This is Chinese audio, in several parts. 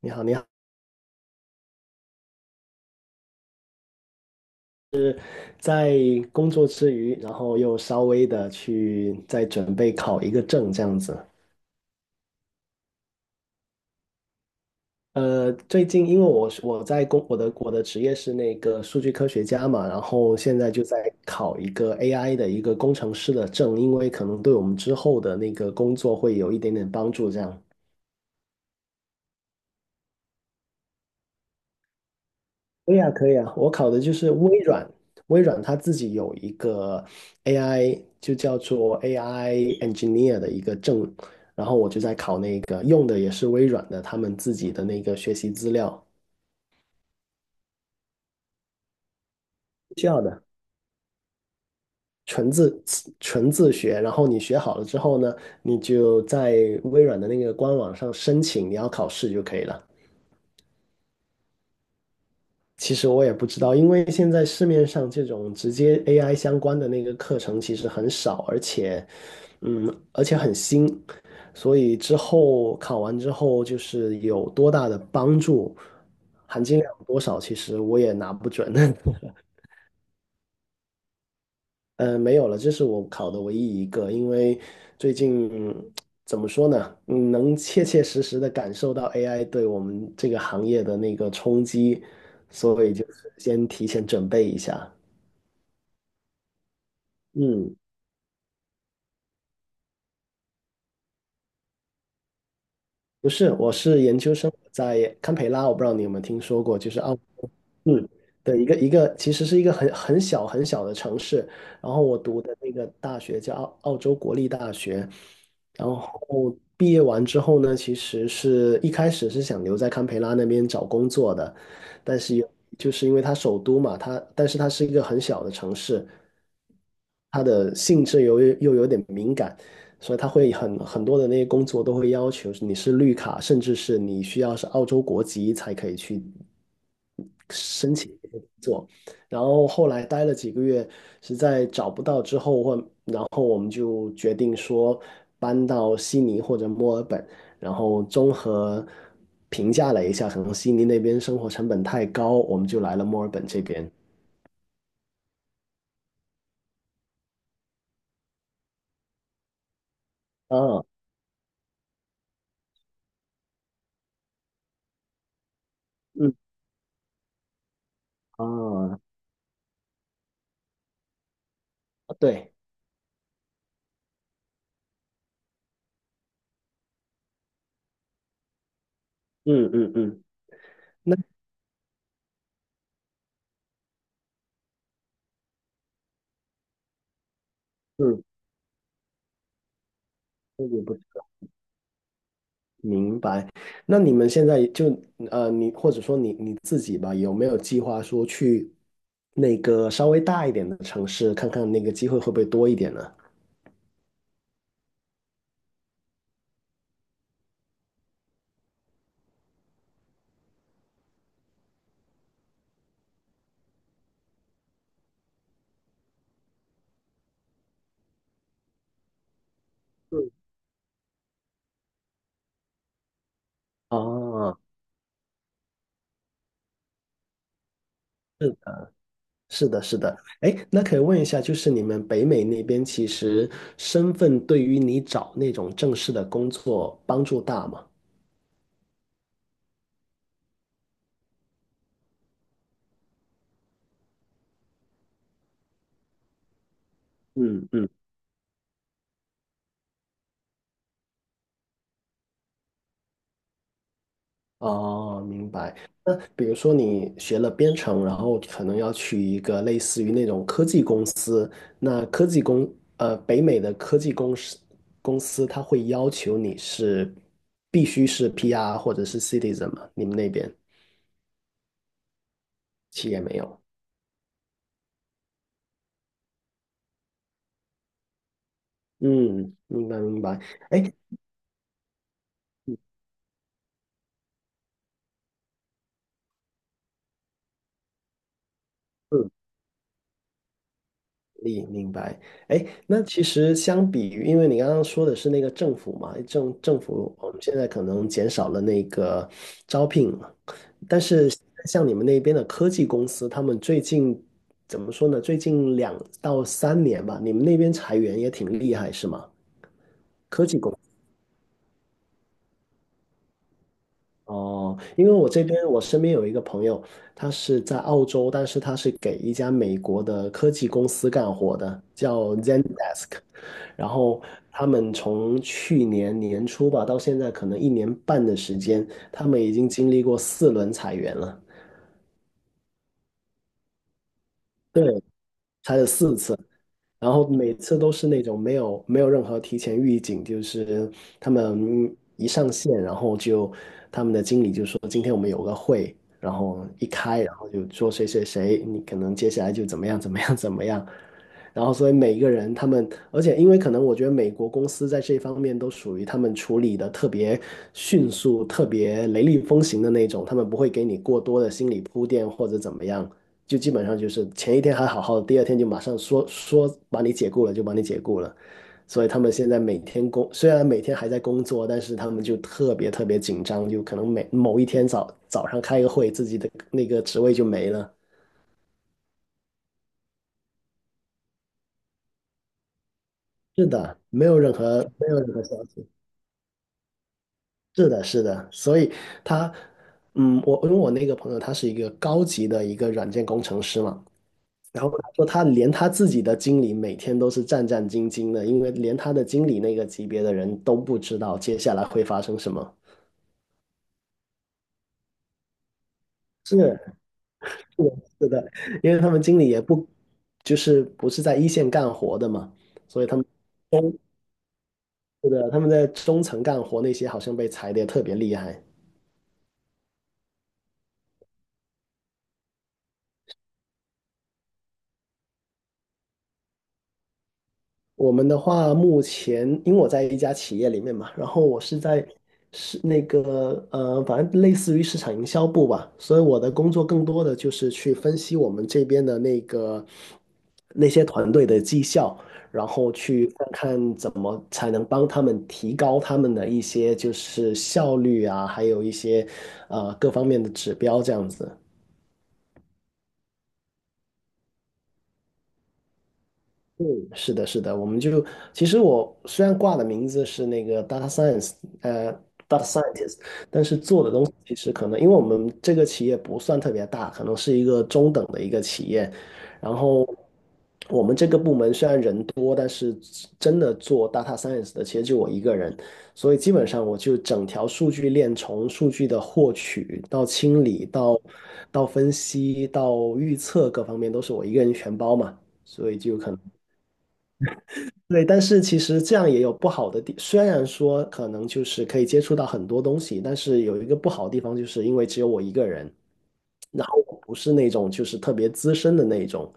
你好，你好，在工作之余，然后又稍微的去再准备考一个证，这样子。最近因为我是我在工我的我的职业是那个数据科学家嘛，然后现在就在考一个 AI 的一个工程师的证，因为可能对我们之后的那个工作会有一点点帮助，这样。可以啊，可以啊，我考的就是微软，微软它自己有一个 AI，就叫做 AI engineer 的一个证，然后我就在考那个，用的也是微软的他们自己的那个学习资料，需要的，纯自纯自学，然后你学好了之后呢，你就在微软的那个官网上申请你要考试就可以了。其实我也不知道，因为现在市面上这种直接 AI 相关的那个课程其实很少，而且很新，所以之后考完之后就是有多大的帮助，含金量有多少，其实我也拿不准。没有了，这是我考的唯一一个，因为最近怎么说呢，能切切实实的感受到 AI 对我们这个行业的那个冲击，所以就是先提前准备一下。嗯，不是，我是研究生活在堪培拉，我不知道你有没有听说过，就是澳洲，嗯，的一个，其实是一个很小很小的城市。然后我读的那个大学叫澳洲国立大学，然后毕业完之后呢，其实是一开始是想留在堪培拉那边找工作的，但是就是因为它首都嘛，但是它是一个很小的城市，它的性质又有点敏感。所以他会很多的那些工作都会要求你是绿卡，甚至是你需要是澳洲国籍才可以去申请这个工作。然后后来待了几个月，实在找不到之后，然后我们就决定说搬到悉尼或者墨尔本，然后综合评价了一下，可能悉尼那边生活成本太高，我们就来了墨尔本这边。啊，嗯，啊，对，嗯嗯嗯，那嗯，那也不明白。那你们现在就你或者说你自己吧，有没有计划说去那个稍微大一点的城市，看看那个机会会不会多一点呢？嗯，哦，是的，是的。哎，那可以问一下，就是你们北美那边其实身份对于你找那种正式的工作帮助大吗？嗯嗯。哦，明白。那比如说你学了编程，然后可能要去一个类似于那种科技公司，那科技公，呃，北美的科技公司，它会要求你是必须是 PR 或者是 citizen 吗？你们那边企业没有？嗯，明白明白。哎，嗯，你明白。哎，那其实相比于，因为你刚刚说的是那个政府嘛，政府我们现在可能减少了那个招聘，但是像你们那边的科技公司，他们最近怎么说呢？最近2到3年吧，你们那边裁员也挺厉害，是吗？哦，因为我身边有一个朋友，他是在澳洲，但是他是给一家美国的科技公司干活的，叫 Zendesk。然后他们从去年年初吧到现在，可能1年半的时间，他们已经经历过4轮裁员了，对，裁了4次。然后每次都是那种没有任何提前预警，就是他们一上线，然后他们的经理就说今天我们有个会，然后一开，然后就说谁谁谁，你可能接下来就怎么样怎么样怎么样，然后，所以每一个人他们，而且因为可能我觉得美国公司在这方面都属于他们处理的特别迅速、特别雷厉风行的那种，他们不会给你过多的心理铺垫或者怎么样，就基本上就是前一天还好好的，第二天就马上说把你解雇了就把你解雇了。所以他们现在每天工，虽然每天还在工作，但是他们就特别特别紧张，就可能某一天早上开个会，自己的那个职位就没了。是的，没有任何消息。是的，是的，所以他，我因为我那个朋友他是一个高级的一个软件工程师嘛，然后他说他连他自己的经理每天都是战战兢兢的，因为连他的经理那个级别的人都不知道接下来会发生什么。是是的，是的，因为他们经理也不就是不是在一线干活的嘛，所以他们中是的，他们在中层干活那些好像被裁的也特别厉害。我们的话，目前因为我在一家企业里面嘛，然后我是在是那个，反正类似于市场营销部吧，所以我的工作更多的就是去分析我们这边的那些团队的绩效，然后去看看怎么才能帮他们提高他们的一些就是效率啊，还有一些各方面的指标这样子。嗯是的，是的，我们就其实我虽然挂的名字是那个 data science，呃，data scientist，但是做的东西其实可能，因为我们这个企业不算特别大，可能是一个中等的一个企业，然后我们这个部门虽然人多，但是真的做 data science 的其实就我一个人，所以基本上我就整条数据链从数据的获取到清理到分析到预测各方面都是我一个人全包嘛，所以就可能。对，但是其实这样也有不好的地，虽然说可能就是可以接触到很多东西，但是有一个不好的地方，就是因为只有我一个人，然后我不是那种就是特别资深的那种，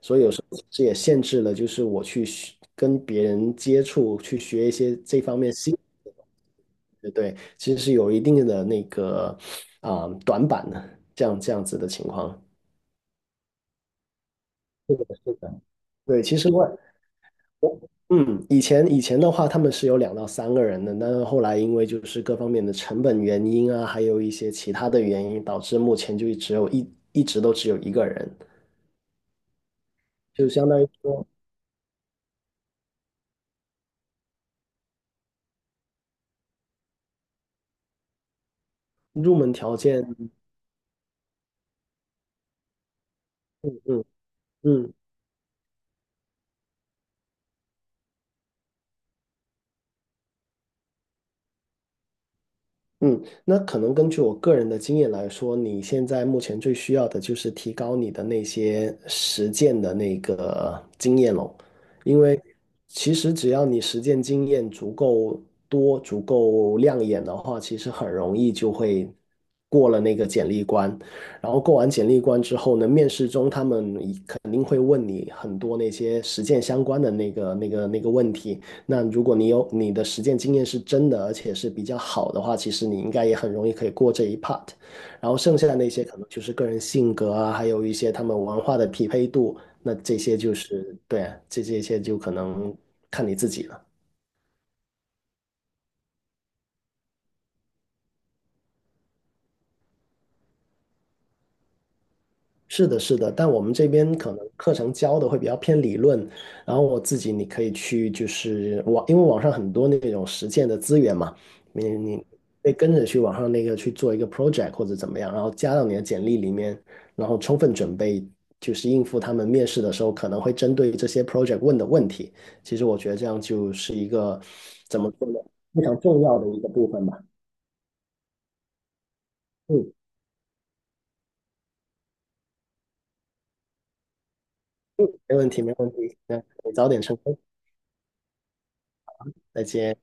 所以有时候其实也限制了，就是我去学跟别人接触，去学一些这方面新，对对，其实是有一定的那个啊、短板的，这样子的情况。对，其实我嗯，以前的话，他们是有2到3个人的，但是后来因为就是各方面的成本原因啊，还有一些其他的原因，导致目前就只有一直都只有一个人，就相当于说入门条件，嗯嗯，嗯，那可能根据我个人的经验来说，你现在目前最需要的就是提高你的那些实践的那个经验咯，因为其实只要你实践经验足够多、足够亮眼的话，其实很容易就会过了那个简历关。然后过完简历关之后呢，面试中他们一肯定会问你很多那些实践相关的那个问题。那如果你有你的实践经验是真的，而且是比较好的话，其实你应该也很容易可以过这一 part。然后剩下的那些可能就是个人性格啊，还有一些他们文化的匹配度，那这些就是对啊，这些就可能看你自己了。是的，是的，但我们这边可能课程教的会比较偏理论，然后我自己你可以去就是网，因为网上很多那种实践的资源嘛，你可以跟着去网上那个去做一个 project 或者怎么样，然后加到你的简历里面，然后充分准备，就是应付他们面试的时候可能会针对这些 project 问的问题。其实我觉得这样就是一个怎么说呢，非常重要的一个部分吧。嗯，没问题，没问题，那你早点成功，再见。